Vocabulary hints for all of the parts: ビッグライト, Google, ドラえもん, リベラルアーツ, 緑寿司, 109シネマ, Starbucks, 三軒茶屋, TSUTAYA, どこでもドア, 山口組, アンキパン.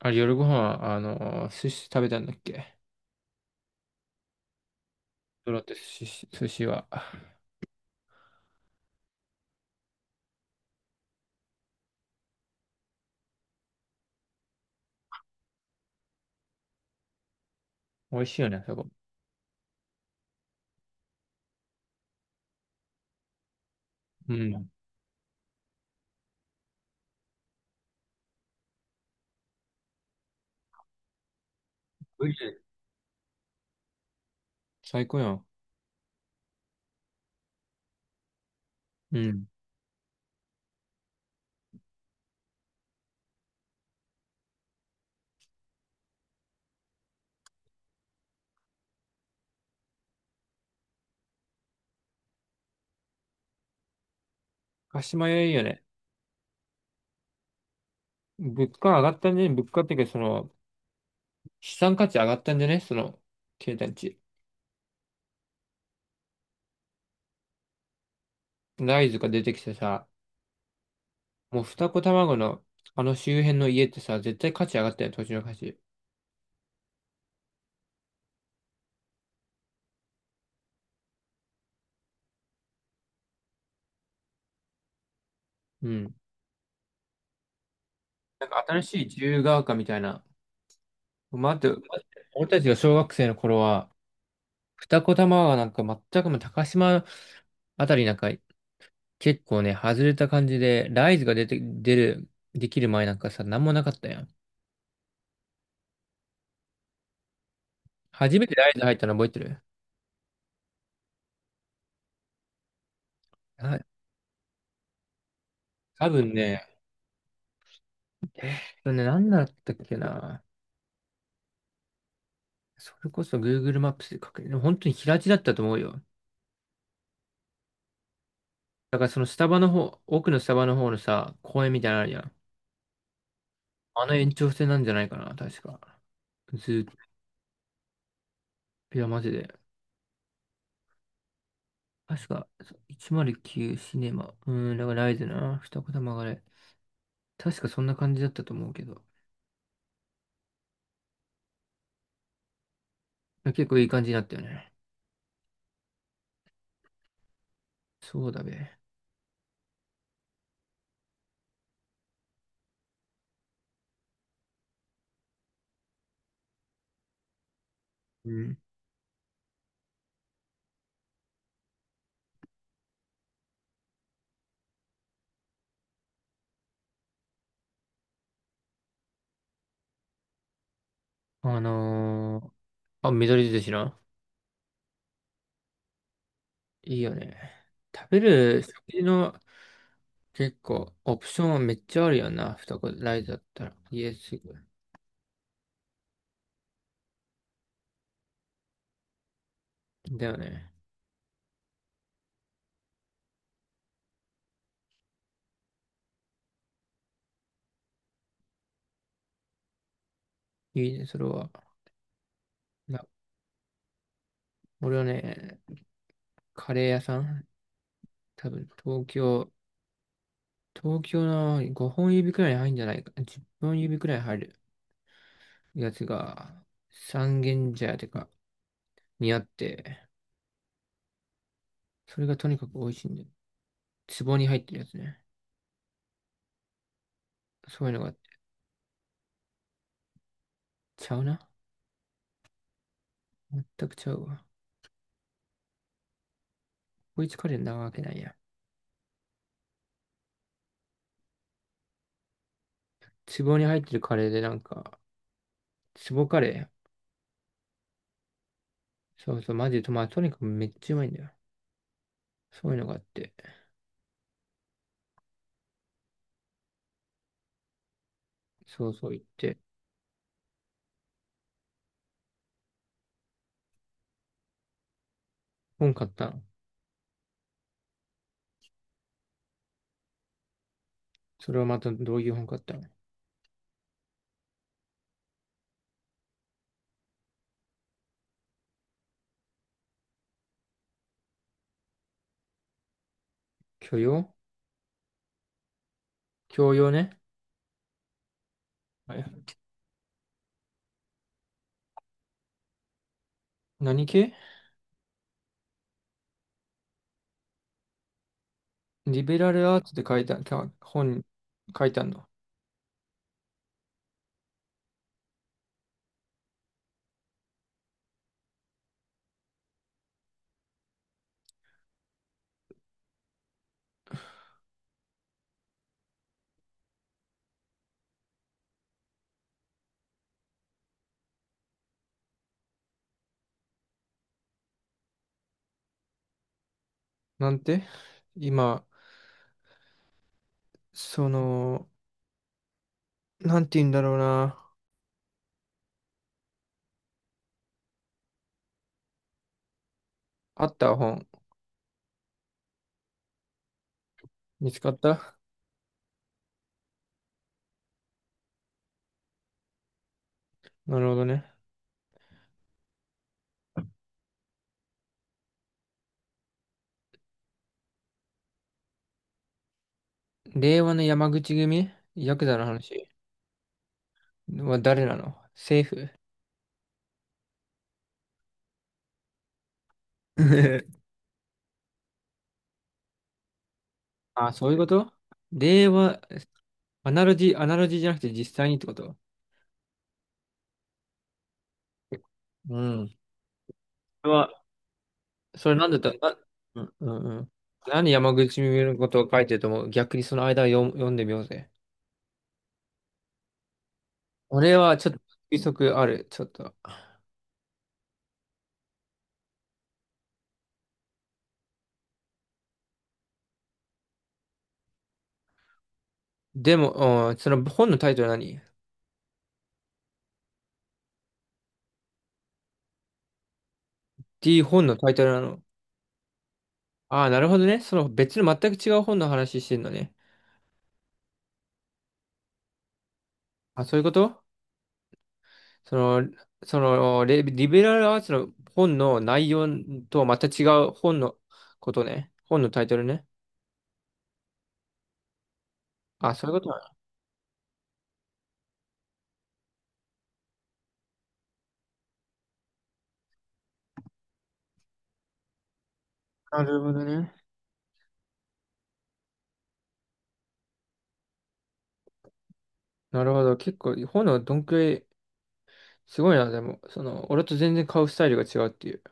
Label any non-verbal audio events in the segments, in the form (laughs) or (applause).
あれ、夜ご飯、寿司食べたんだっけ。ドロって寿司は。美味しいよね、そこ。うん。美味しい。最高やん。うん。鹿島屋いいよね。物価上がったんじゃね。物価っていうか、資産価値上がったんじゃね。経たちライズが出てきてさ、もう二子卵の、あの周辺の家ってさ、絶対価値上がったよね、土地の価値。うん。なんか新しい自由が丘みたいな。待って俺たちが小学生の頃は、二子玉川なんか全くもう高島あたりなんか結構ね、外れた感じで、ライズが出て、出る、できる前なんかさ、なんもなかったやん。初めてライズ入ったの覚えてる？はい。多分ね、それね、何だったっけな。それこそ Google マップスで確認、でも本当に平地だったと思うよ。だからそのスタバの方、奥のスタバの方のさ、公園みたいなのあるやん。あの延長線なんじゃないかな、確か。ずっと、いや、マジで。確か、109シネマ。だからライズな、二子玉がね。確かそんな感じだったと思うけど。結構いい感じになったよね。そうだべ。うん。あのあ、緑寿司な。いいよね。食べる食事の結構オプションはめっちゃあるよな。二子ライズだったら。家すぐ。だよね。いいね、それは。な、俺はね、カレー屋さん多分東京、東京の5本指くらいに入るんじゃないか。10本指くらい入るやつが三軒茶屋てかにあって、それがとにかく美味しいんで。壺に入ってるやつね。そういうのが。ちゃうな。全くちゃうわ。こいつカレーなわけないや。壺に入ってるカレーでなんか、壺カレー。そうそう、マジで、まあとにかくめっちゃうまいんだよ。そういうのがあって。そうそう言って。本買ったの？それはまたどういう本買ったの？教養。教養ね。はい。何系？リベラルアーツって書いた、か本書いたの？なんて今、その、なんて言うんだろうな。あった本。見つかった？なるほどね。令和の山口組。ヤクザの話は誰なの？政府？ (laughs) あ、そういうこと。令和、アナロジーじゃなくて実際にってこと？うん。それは、それなんだったな、うんうんうん。何山口組のことを書いてると思う？逆にその間を読んでみようぜ。俺はちょっと推測ある。ちょっと。でも、うん、その本のタイトルは何 D？ 本のタイトルなの？ああ、なるほどね。その別の全く違う本の話してんのね。あ、そういうこと？その、そのレ、リベラルアーツの本の内容とはまた違う本のことね。本のタイトルね。あ、そういうことなの？なるほどね。なるほど。結構、本のどんくらい、すごいな、でも、その、俺と全然買うスタイルが違うっていう。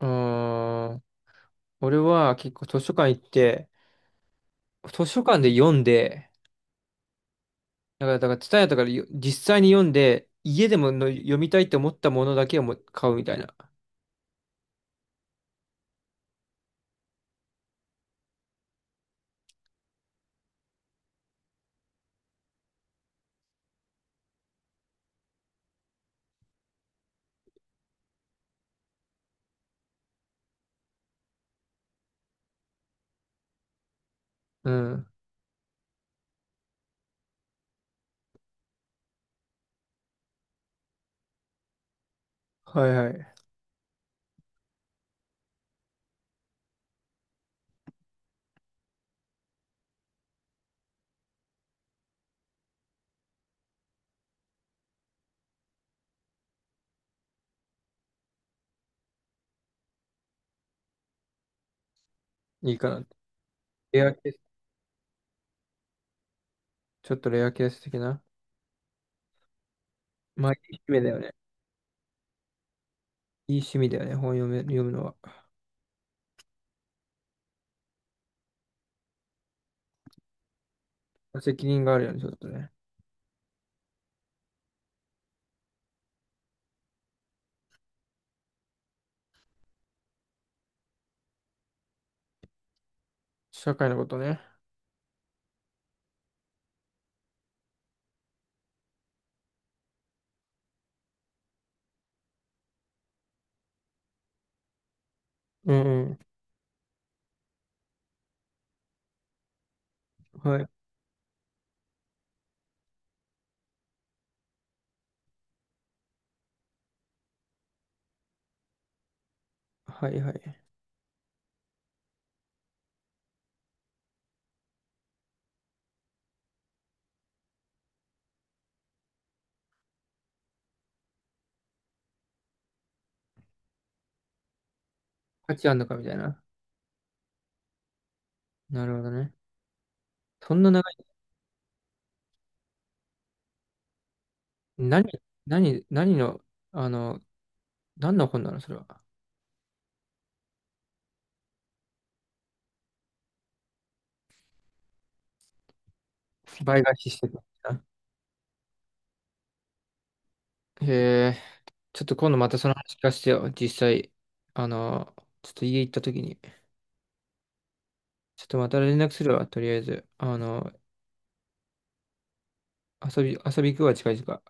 うーん。俺は結構図書館行って、図書館で読んで、だから、ツタヤとかでよ実際に読んで、家でもの読みたいって思ったものだけをも買うみたいな。うん。はいはい。いいかな。レアケース、ちょっとレアケース的な。まあ、いい趣味だよね。いい趣味だよね、本読め、読むのは。責任があるよね、ちょっとね。社会のことね。うんうん。はい。はいはい。価値あんのかみたいな。なるほどね。そんな長い、何、何の、あの、何の本なの、それは。倍返ししてるのかな。へえ、ちょっと今度またその話聞かせてよ。実際、あの、ちょっと家行った時に。ちょっとまた連絡するわ、とりあえず。あの、遊び行くわ、近々。